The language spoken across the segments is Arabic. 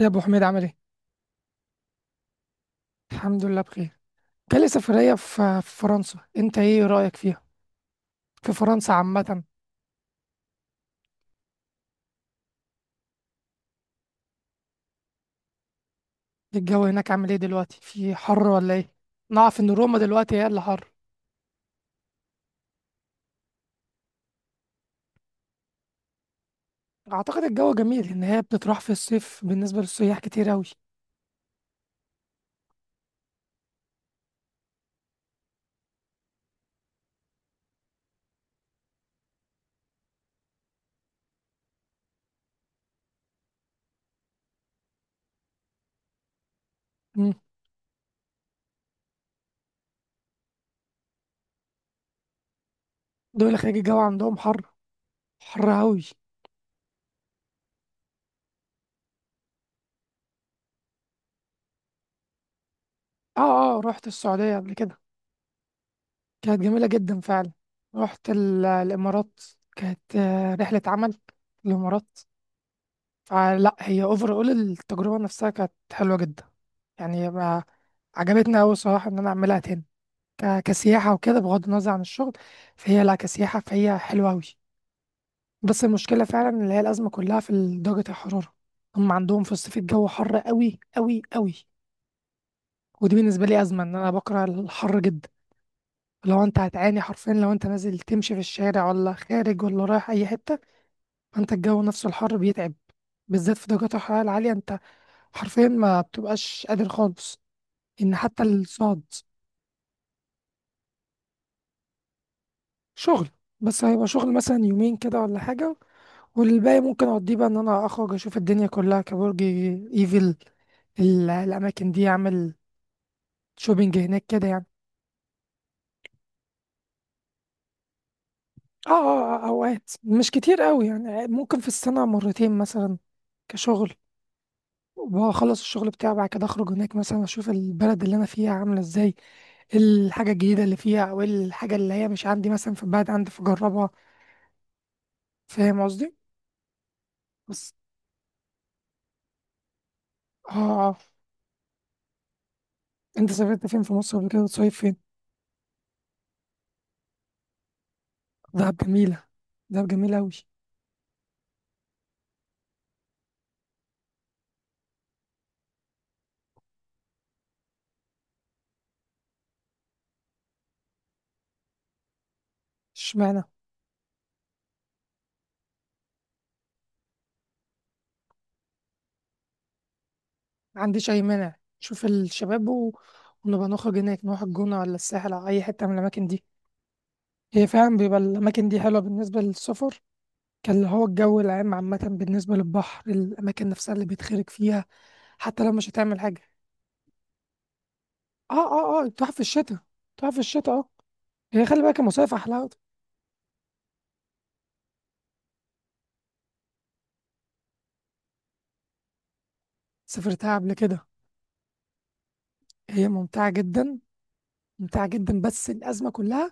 يا ابو حميد عامل ايه؟ الحمد لله بخير. جالي سفريه في فرنسا، انت ايه رايك فيها؟ في فرنسا عامه. الجو هناك عامل ايه دلوقتي، في حر ولا ايه؟ نعرف ان روما دلوقتي هي اللي حر. اعتقد الجو جميل ان هي بتتراح في الصيف، بالنسبه للسياح كتير اوي. مم. دول خارج الجو عندهم حر. حر اوي. اه اه، رحت السعوديه قبل كده، كانت جميله جدا فعلا. رحت الامارات. كانت رحله عمل. الامارات. فلا هي اوفر اول التجربة نفسها كانت حلوة جدا. يعني ما، عجبتني أوي صراحة إن أنا أعملها تاني، كسياحة وكده، بغض النظر عن الشغل. فهي لا، كسياحة فهي حلوة أوي. بس المشكلة فعلا اللي هي الأزمة كلها في درجة الحرارة. هم عندهم في الصيف الجو حر أوي أوي أوي. ودي بالنسبة لي أزمة، إن أنا بكره الحر جدا. لو أنت هتعاني حرفيا، لو أنت نازل تمشي في الشارع ولا خارج ولا رايح أي حتة، فأنت الجو نفسه الحر بيتعب، بالذات في درجات الحرارة العالية. أنت حرفيا ما بتبقاش قادر خالص، ان حتى الصعد. شغل. بس هيبقى شغل مثلا يومين كده ولا حاجة، والباقي ممكن اقضيه بقى ان انا اخرج اشوف الدنيا كلها كبرج ايفل. الاماكن دي، اعمل شوبينج هناك كده يعني. اه اه، اوقات مش كتير قوي يعني، ممكن في السنة مرتين مثلا. كشغل، وبخلص الشغل بتاعي بعد كده اخرج هناك مثلا اشوف البلد اللي انا فيها عامله ازاي، الحاجه الجديده اللي فيها او الحاجه اللي هي مش عندي مثلا في البلد عندي فاجربها. فاهم قصدي؟ بس اه. انت سافرت فين في مصر قبل كده؟ بتصيف فين؟ دهب جميله. دهب جميله قوي. اشمعنى؟ ما عنديش اي مانع، شوف الشباب، و... ونبقى نخرج هناك نروح الجونه ولا الساحل او اي حته من الاماكن دي. هي فعلا بيبقى الاماكن دي حلوه بالنسبه للسفر، كان اللي هو الجو العام عامه بالنسبه للبحر، الاماكن نفسها اللي بيتخرج فيها، حتى لو مش هتعمل حاجه. اه اه اه، تروح في الشتاء. تروح في الشتاء اه. هي خلي بالك المصايف احلى. سافرتها قبل كده؟ هي ممتعه جدا. ممتعه جدا، بس الازمه كلها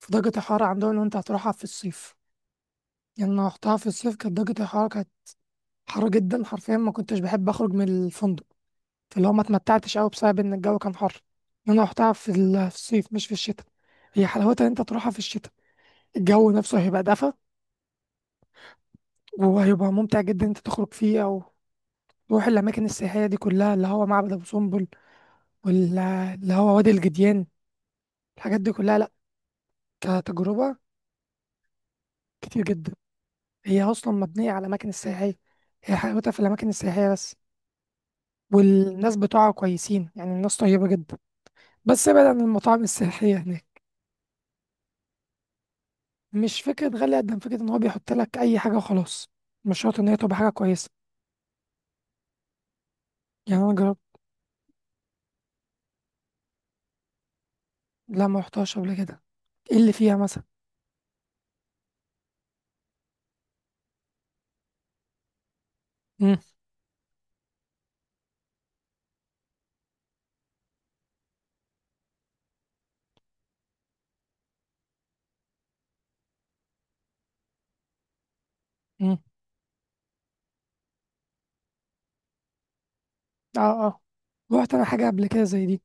في درجة الحرارة عندهم. لو أنت هتروحها في الصيف، يعني أنا رحتها في الصيف، كانت درجة الحرارة كانت حر جدا، حرفيا ما كنتش بحب أخرج من الفندق. فاللي هو ما اتمتعتش أوي بسبب إن الجو كان حر. أنا رحتها في في الصيف مش في الشتاء. هي حلاوتها إن أنت تروحها في الشتاء، الجو نفسه هيبقى دفى وهيبقى ممتع جدا إن أنت تخرج فيه، أو تروح الأماكن السياحية دي كلها، اللي هو معبد أبو سمبل، واللي هو وادي الجديان، الحاجات دي كلها. لأ، كتجربة. كتير جدا. هي أصلا مبنية على الأماكن السياحية، هي حلاوتها في الأماكن السياحية بس. والناس بتوعها كويسين، يعني الناس طيبة جدا. بس ابعد عن المطاعم السياحية هناك. مش فكرة غالية قد ما فكرة إن هو بيحط لك أي حاجة وخلاص، مش شرط إن هي تبقى حاجة كويسة. يعني أنا جربت. لا، ما رحتهاش قبل كده. إيه اللي فيها مثلا؟ مم. مم. آه آه. رحت أنا حاجة قبل كده زي دي.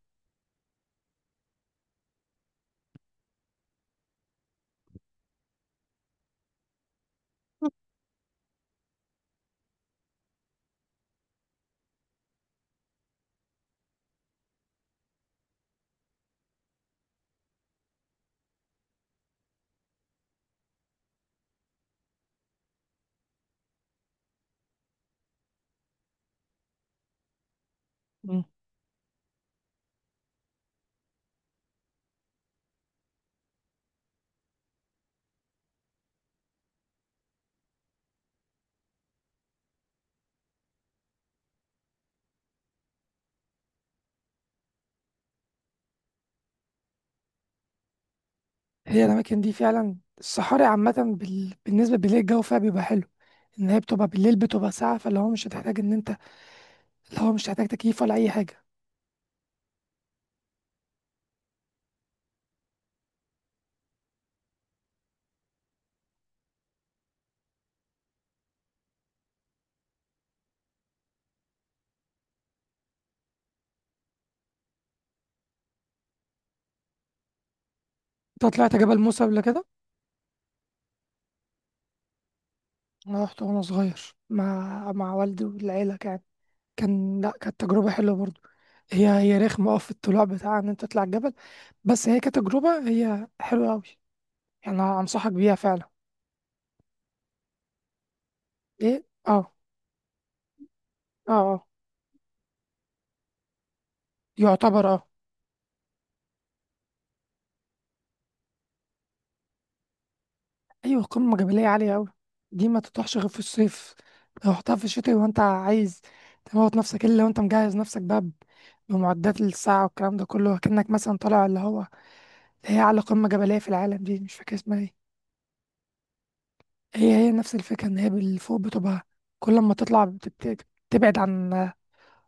مم. هي الأماكن دي فعلا، الصحاري عامة، بالنسبة بالليل الجو فيها بيبقى حلو، إن هي بتبقى بالليل بتبقى ساقعة، فاللي هو مش هتحتاج إن أنت، اللي هو مش هتحتاج تكييف ولا أي حاجة. أنت طلعت جبل موسى قبل كده؟ انا رحت وانا صغير مع والدي والعيله. كان، لا، كانت تجربه حلوه برضو. هي رخمه اه في الطلوع بتاع ان انت تطلع الجبل، بس هي كتجربه هي حلوه قوي. يعني أنا انصحك بيها فعلا. ايه اه. اه اه. يعتبر اه. ايوه، قمه جبليه عاليه قوي. دي ما تطرحش غير في الصيف. لو رحتها في الشتاء وانت عايز تموت نفسك، الا لو انت مجهز نفسك بقى بمعدات للساعه والكلام ده كله، كأنك مثلا طالع اللي هو، اللي هي اعلى قمه جبليه في العالم دي، مش فاكر اسمها ايه. هي نفس الفكرة، إن هي بالفوق بتبقى، كل ما تطلع بتبعد عن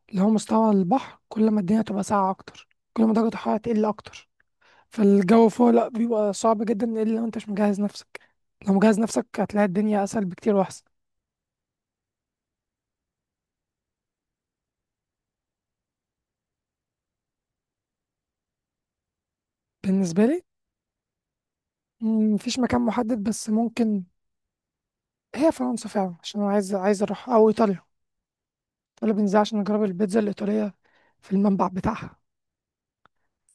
اللي هو مستوى البحر، كل ما الدنيا تبقى ساقعة أكتر، كل ما درجة الحرارة تقل أكتر. فالجو فوق لأ بيبقى صعب جدا، إلا لو أنت مش مجهز نفسك. لو مجهز نفسك هتلاقي الدنيا أسهل بكتير وأحسن. بالنسبة لي مفيش مكان محدد، بس ممكن هي فرنسا فعلا، عشان أنا عايز أروح، أو إيطاليا. إيطاليا بنزل عشان أجرب البيتزا الإيطالية في المنبع بتاعها،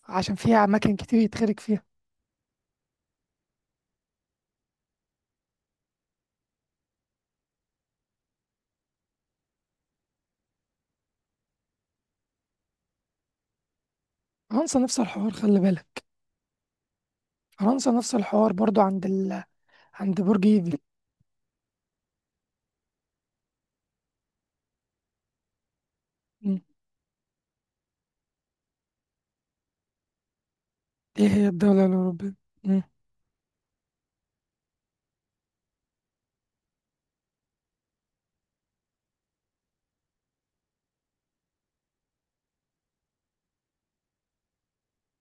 عشان فيها أماكن كتير يتخرج فيها. فرنسا نفس الحوار خلي بالك. فرنسا نفس الحوار برضو عند عند برج ايفل. مم. ايه هي الدولة الأوروبية؟ مم.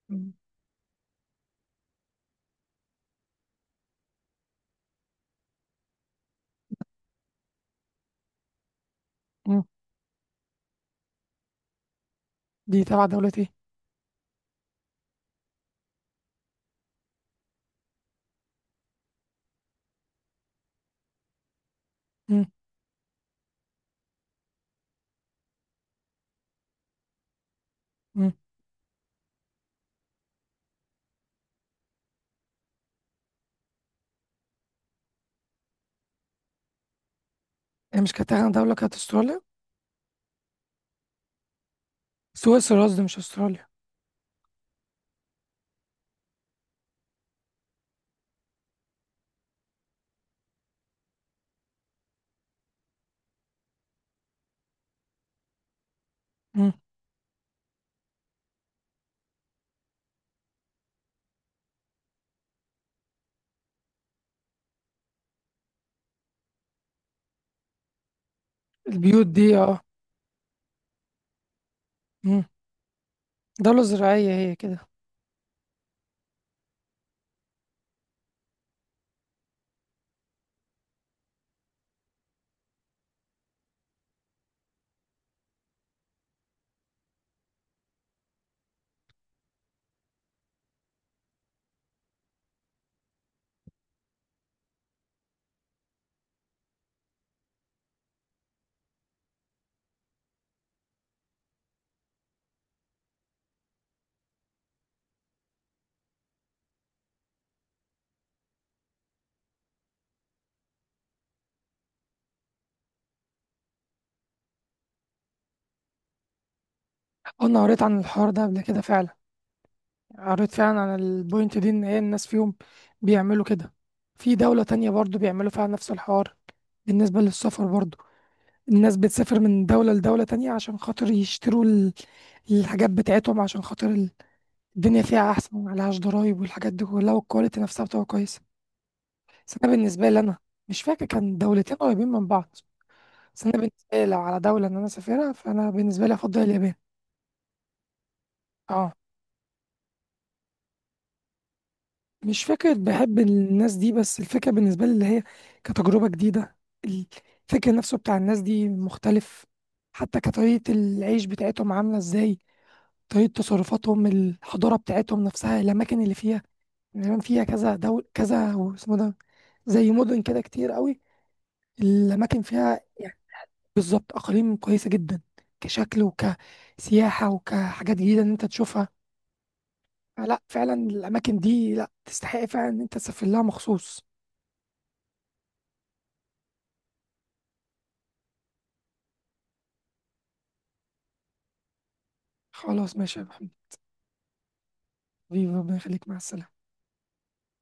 مم. مم. دي تبع دولة ايه؟ مم. مم. هي مش كانت أغنى دولة كانت استراليا؟ سويسرا قصدي مش استراليا. مم. البيوت دي اه. مم. دولة زراعية هي كده. أنا قريت عن الحوار ده قبل كده فعلا، قريت فعلا عن البوينت دي، إن هي الناس فيهم بيعملوا كده في دولة تانية برضو، بيعملوا فيها نفس الحوار بالنسبة للسفر برضو. الناس بتسافر من دولة لدولة تانية عشان خاطر يشتروا الحاجات بتاعتهم، عشان خاطر الدنيا فيها أحسن ومعلهاش ضرايب والحاجات دي كلها، والكواليتي نفسها بتبقى كويسة. بس أنا بالنسبة لي أنا، مش فاكر، كان دولتين قريبين من بعض. بس أنا بالنسبة لي لو على دولة إن أنا أسافرها، فأنا بالنسبة لي أفضل اليابان. أه. مش فكرة بحب الناس دي، بس الفكرة بالنسبة لي اللي هي كتجربة جديدة. الفكر نفسه بتاع الناس دي مختلف، حتى كطريقة العيش بتاعتهم عاملة إزاي، طريقة تصرفاتهم، الحضارة بتاعتهم نفسها، الأماكن اللي فيها. اليابان فيها كذا دول، كذا اسمه ده، زي مدن كده كتير قوي، الأماكن فيها يعني. بالظبط، أقاليم كويسة جدا، كشكل وكسياحة وكحاجات جديدة إن أنت تشوفها. لا فعلا الأماكن دي لا تستحق فعلا إن أنت تسافر لها مخصوص. خلاص ماشي يا محمد. حبيبي ربنا يخليك مع السلامة.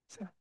سلام.